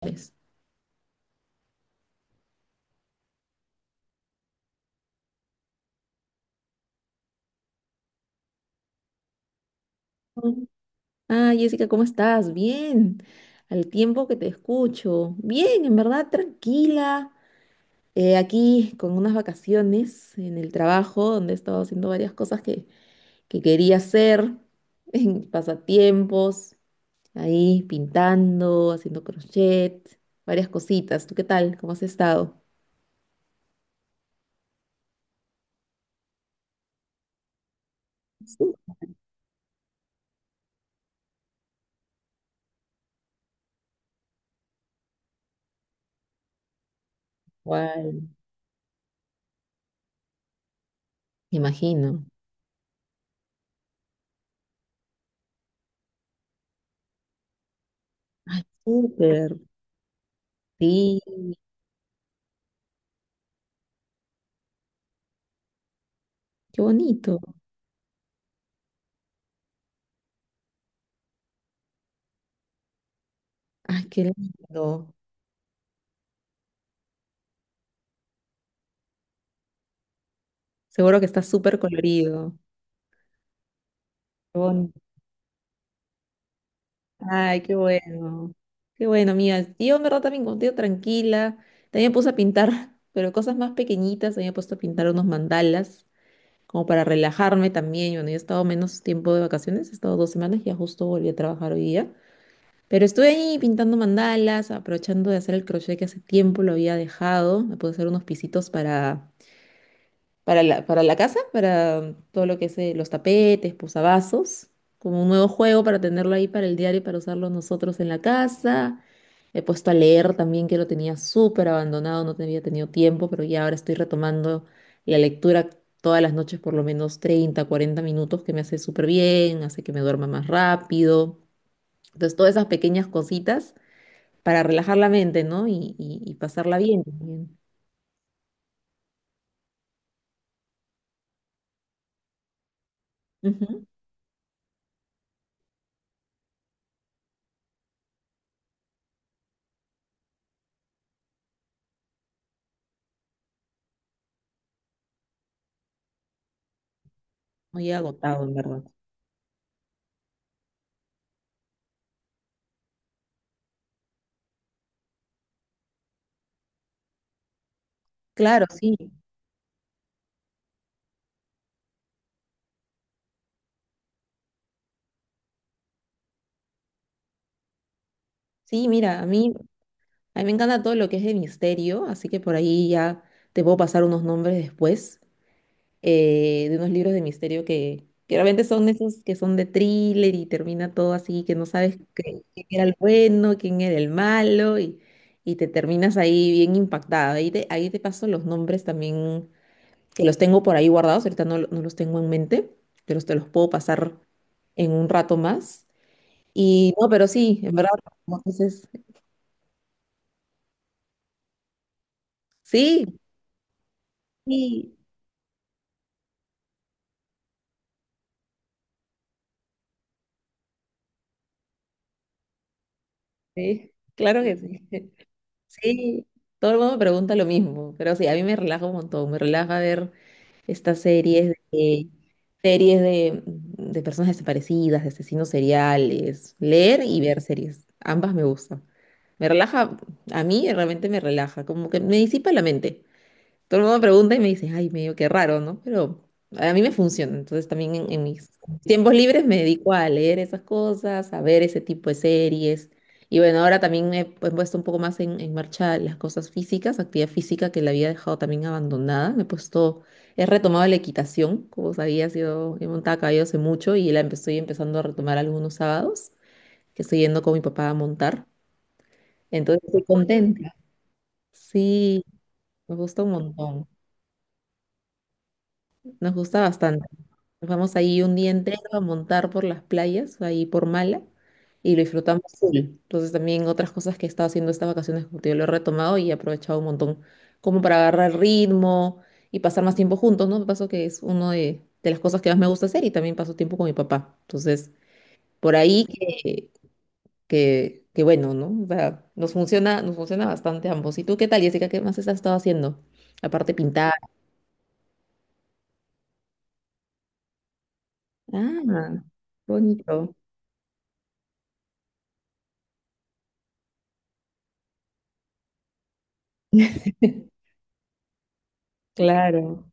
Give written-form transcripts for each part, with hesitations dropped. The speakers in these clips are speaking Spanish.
Pues. Ah, Jessica, ¿cómo estás? Bien, al tiempo que te escucho. Bien, en verdad, tranquila. Aquí con unas vacaciones en el trabajo, donde he estado haciendo varias cosas que quería hacer, en pasatiempos, ahí pintando, haciendo crochet, varias cositas. ¿Tú qué tal? ¿Cómo has estado? Sí. Igual, me imagino. Ay, súper. Sí, qué bonito. Ay, qué lindo. Seguro que está súper colorido. Qué bonito. Ay, qué bueno. Qué bueno, amiga. Yo en verdad también contigo tranquila. También me puse a pintar, pero cosas más pequeñitas. También me he puesto a pintar unos mandalas, como para relajarme también. Bueno, yo he estado menos tiempo de vacaciones, he estado 2 semanas, ya justo volví a trabajar hoy día. Pero estuve ahí pintando mandalas, aprovechando de hacer el crochet que hace tiempo lo había dejado. Me puse a hacer unos pisitos para la casa, para todo lo que es los tapetes, posavasos, como un nuevo juego para tenerlo ahí para el diario, para usarlo nosotros en la casa. He puesto a leer también, que lo tenía súper abandonado, no había tenido tiempo, pero ya ahora estoy retomando la lectura todas las noches, por lo menos 30-40 minutos, que me hace súper bien, hace que me duerma más rápido. Entonces, todas esas pequeñas cositas para relajar la mente, ¿no? Y pasarla bien también. Ujú. Muy agotado, en verdad. Claro, sí. Sí, mira, a mí me encanta todo lo que es de misterio, así que por ahí ya te puedo pasar unos nombres después de unos libros de misterio que realmente son esos que son de thriller y termina todo así, que no sabes quién era el bueno, quién era el malo y te terminas ahí bien impactada. Ahí te paso los nombres también, que los tengo por ahí guardados, ahorita no, no los tengo en mente, pero te los puedo pasar en un rato más. Y no, pero sí, en verdad, como dices, sí, sí, sí, claro que sí. Sí, todo el mundo me pregunta lo mismo, pero sí, a mí me relaja un montón, me relaja ver estas series de personas desaparecidas, de asesinos seriales, leer y ver series, ambas me gustan. Me relaja, a mí realmente me relaja, como que me disipa la mente. Todo el mundo me pregunta y me dice, ay, medio que raro, ¿no? Pero a mí me funciona. Entonces también en, mis tiempos libres me dedico a leer esas cosas, a ver ese tipo de series. Y bueno, ahora también he puesto un poco más en marcha las cosas físicas, actividad física que la había dejado también abandonada. Me he puesto, he retomado la equitación, como sabías, yo he montado a caballo hace mucho y estoy empezando a retomar algunos sábados, que estoy yendo con mi papá a montar. Entonces estoy contenta. Sí, me gusta un montón, nos gusta bastante. Nos vamos ahí un día entero a montar por las playas, ahí por Mala, y lo disfrutamos full. Entonces también otras cosas que he estado haciendo estas vacaciones, como te digo, lo he retomado y he aprovechado un montón como para agarrar ritmo y pasar más tiempo juntos, ¿no? Me pasó que es una de las cosas que más me gusta hacer y también paso tiempo con mi papá. Entonces, por ahí que bueno, ¿no? O sea, nos funciona bastante ambos. ¿Y tú qué tal, Jessica? ¿Qué más has estado haciendo? Aparte pintar. Ah, qué bonito. Claro.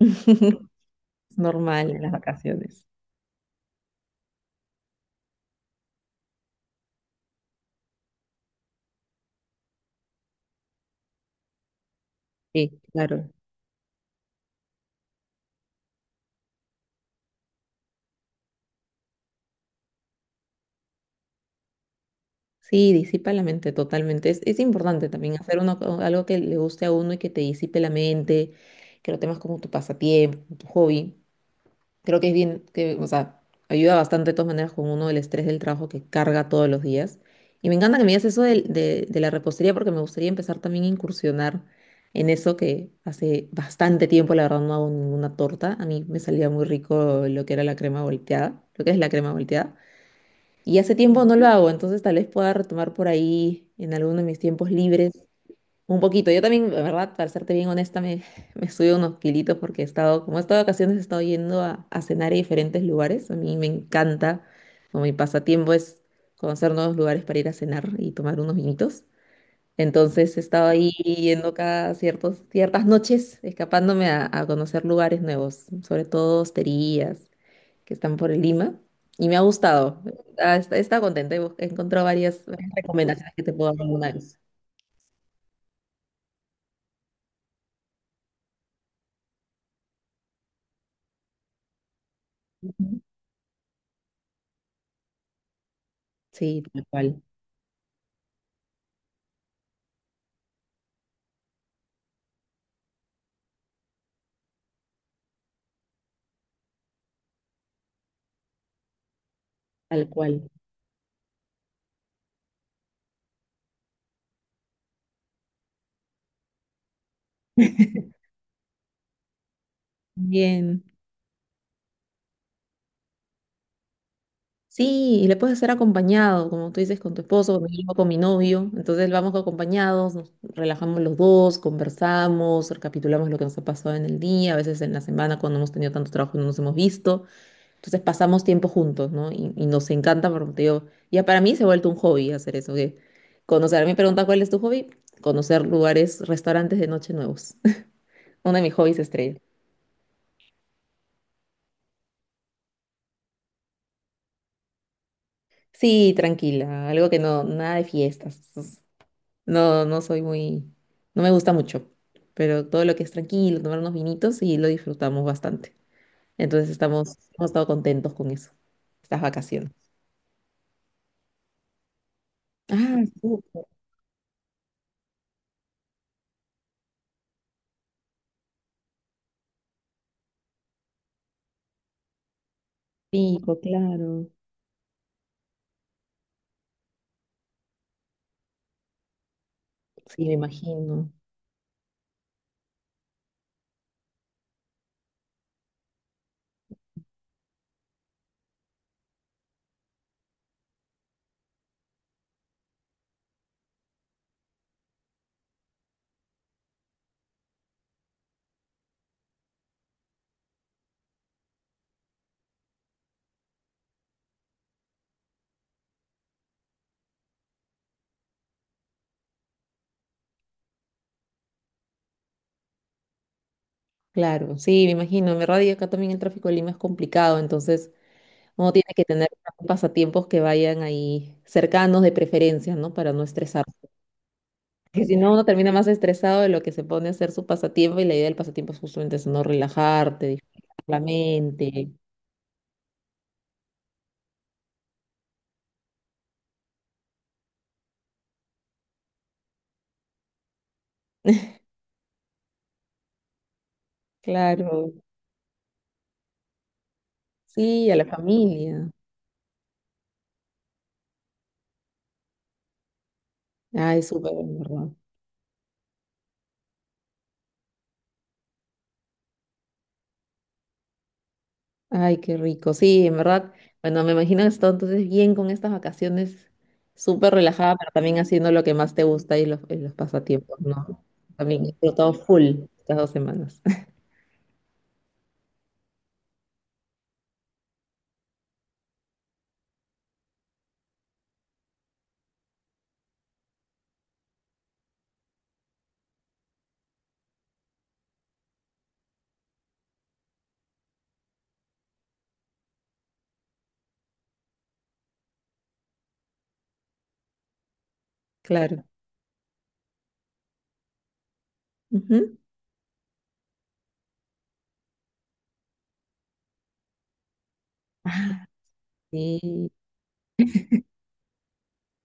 Es normal en las vacaciones. Sí, claro. Sí, disipa la mente totalmente. Es importante también hacer uno, algo que le guste a uno y que te disipe la mente, que lo temas como tu pasatiempo, como tu hobby. Creo que es bien, que, o sea, ayuda bastante de todas maneras con uno el estrés del trabajo que carga todos los días. Y me encanta que me digas eso de la repostería porque me gustaría empezar también a incursionar en eso que hace bastante tiempo, la verdad, no hago ninguna torta. A mí me salía muy rico lo que era la crema volteada, lo que es la crema volteada. Y hace tiempo no lo hago, entonces tal vez pueda retomar por ahí en alguno de mis tiempos libres un poquito. Yo también, la verdad, para serte bien honesta, me, me subí unos kilitos porque he estado, como he estado de vacaciones, he estado yendo a, cenar a diferentes lugares. A mí me encanta, como mi pasatiempo es conocer nuevos lugares para ir a cenar y tomar unos vinitos. Entonces he estado ahí yendo cada ciertos, ciertas noches, escapándome a conocer lugares nuevos, sobre todo hosterías que están por Lima, y me ha gustado. Ah, está contenta, he encontrado varias recomendaciones que te puedo dar alguna vez. Ujú. Sí, tal cual, tal cual. Bien. Sí, y le puedes hacer acompañado, como tú dices, con tu esposo, con mi hijo, con mi novio. Entonces vamos acompañados, nos relajamos los dos, conversamos, recapitulamos lo que nos ha pasado en el día, a veces en la semana cuando hemos tenido tanto trabajo y no nos hemos visto. Entonces pasamos tiempo juntos, ¿no? Y nos encanta, porque te digo, ya para mí se ha vuelto un hobby hacer eso, que conocer. Me pregunta cuál es tu hobby, conocer lugares, restaurantes de noche nuevos. Uno de mis hobbies estrella. Sí, tranquila, algo que no, nada de fiestas. Entonces, no, no soy muy, no me gusta mucho, pero todo lo que es tranquilo, tomar unos vinitos y lo disfrutamos bastante. Entonces estamos, hemos estado contentos con eso, estas vacaciones. Ah, súper rico, claro. Sí, me imagino. Claro, sí, me imagino. En verdad, y acá también el tráfico de Lima es complicado, entonces uno tiene que tener pasatiempos que vayan ahí cercanos de preferencia, ¿no? Para no estresarse. Porque si no, uno termina más estresado de lo que se pone a hacer su pasatiempo y la idea del pasatiempo es justamente eso, no relajarte, disfrutar la mente. Claro, sí, a la familia. Ay, súper, en verdad. Ay, qué rico. Sí, en verdad. Bueno, me imagino que has estado entonces bien con estas vacaciones, súper relajada, pero también haciendo lo que más te gusta y los pasatiempos, ¿no? También he disfrutado full estas 2 semanas. Claro. Ujú. Ah, sí.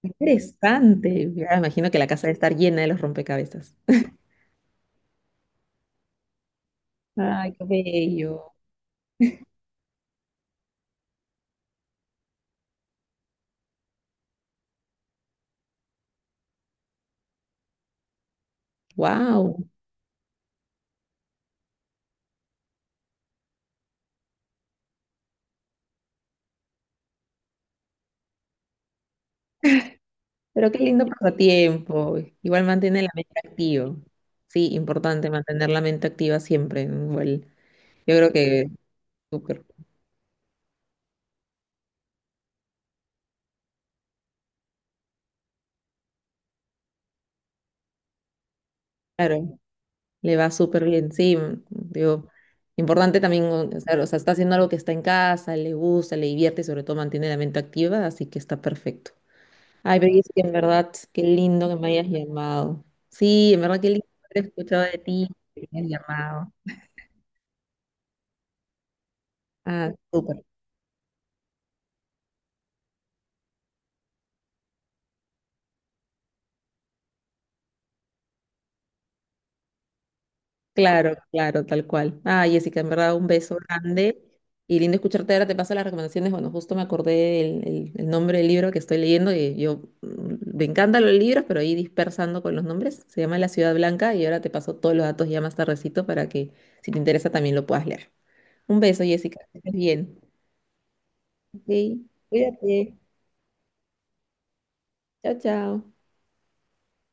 Interesante. Ya me imagino que la casa debe estar llena de los rompecabezas. Ay, qué bello. Wow. Pero qué lindo pasatiempo. Igual mantiene la mente activa. Sí, importante mantener la mente activa siempre. ¿No? Igual, yo creo que súper. Claro, le va súper bien, sí, digo, importante también, o sea, está haciendo algo que está en casa, le gusta, le divierte y sobre todo mantiene la mente activa, así que está perfecto. Ay, pero es que en verdad, qué lindo que me hayas llamado. Sí, en verdad, qué lindo haber escuchado de ti, que me hayas llamado. Ah, súper. Claro, claro, tal cual. Ah, Jessica, en verdad, un beso grande y lindo escucharte. Ahora te paso las recomendaciones. Bueno, justo me acordé el, el nombre del libro que estoy leyendo y yo me encantan los libros, pero ahí dispersando con los nombres. Se llama La Ciudad Blanca y ahora te paso todos los datos ya más tardecito para que si te interesa también lo puedas leer. Un beso, Jessica. Que estés bien. Sí. Cuídate. Chao, chao.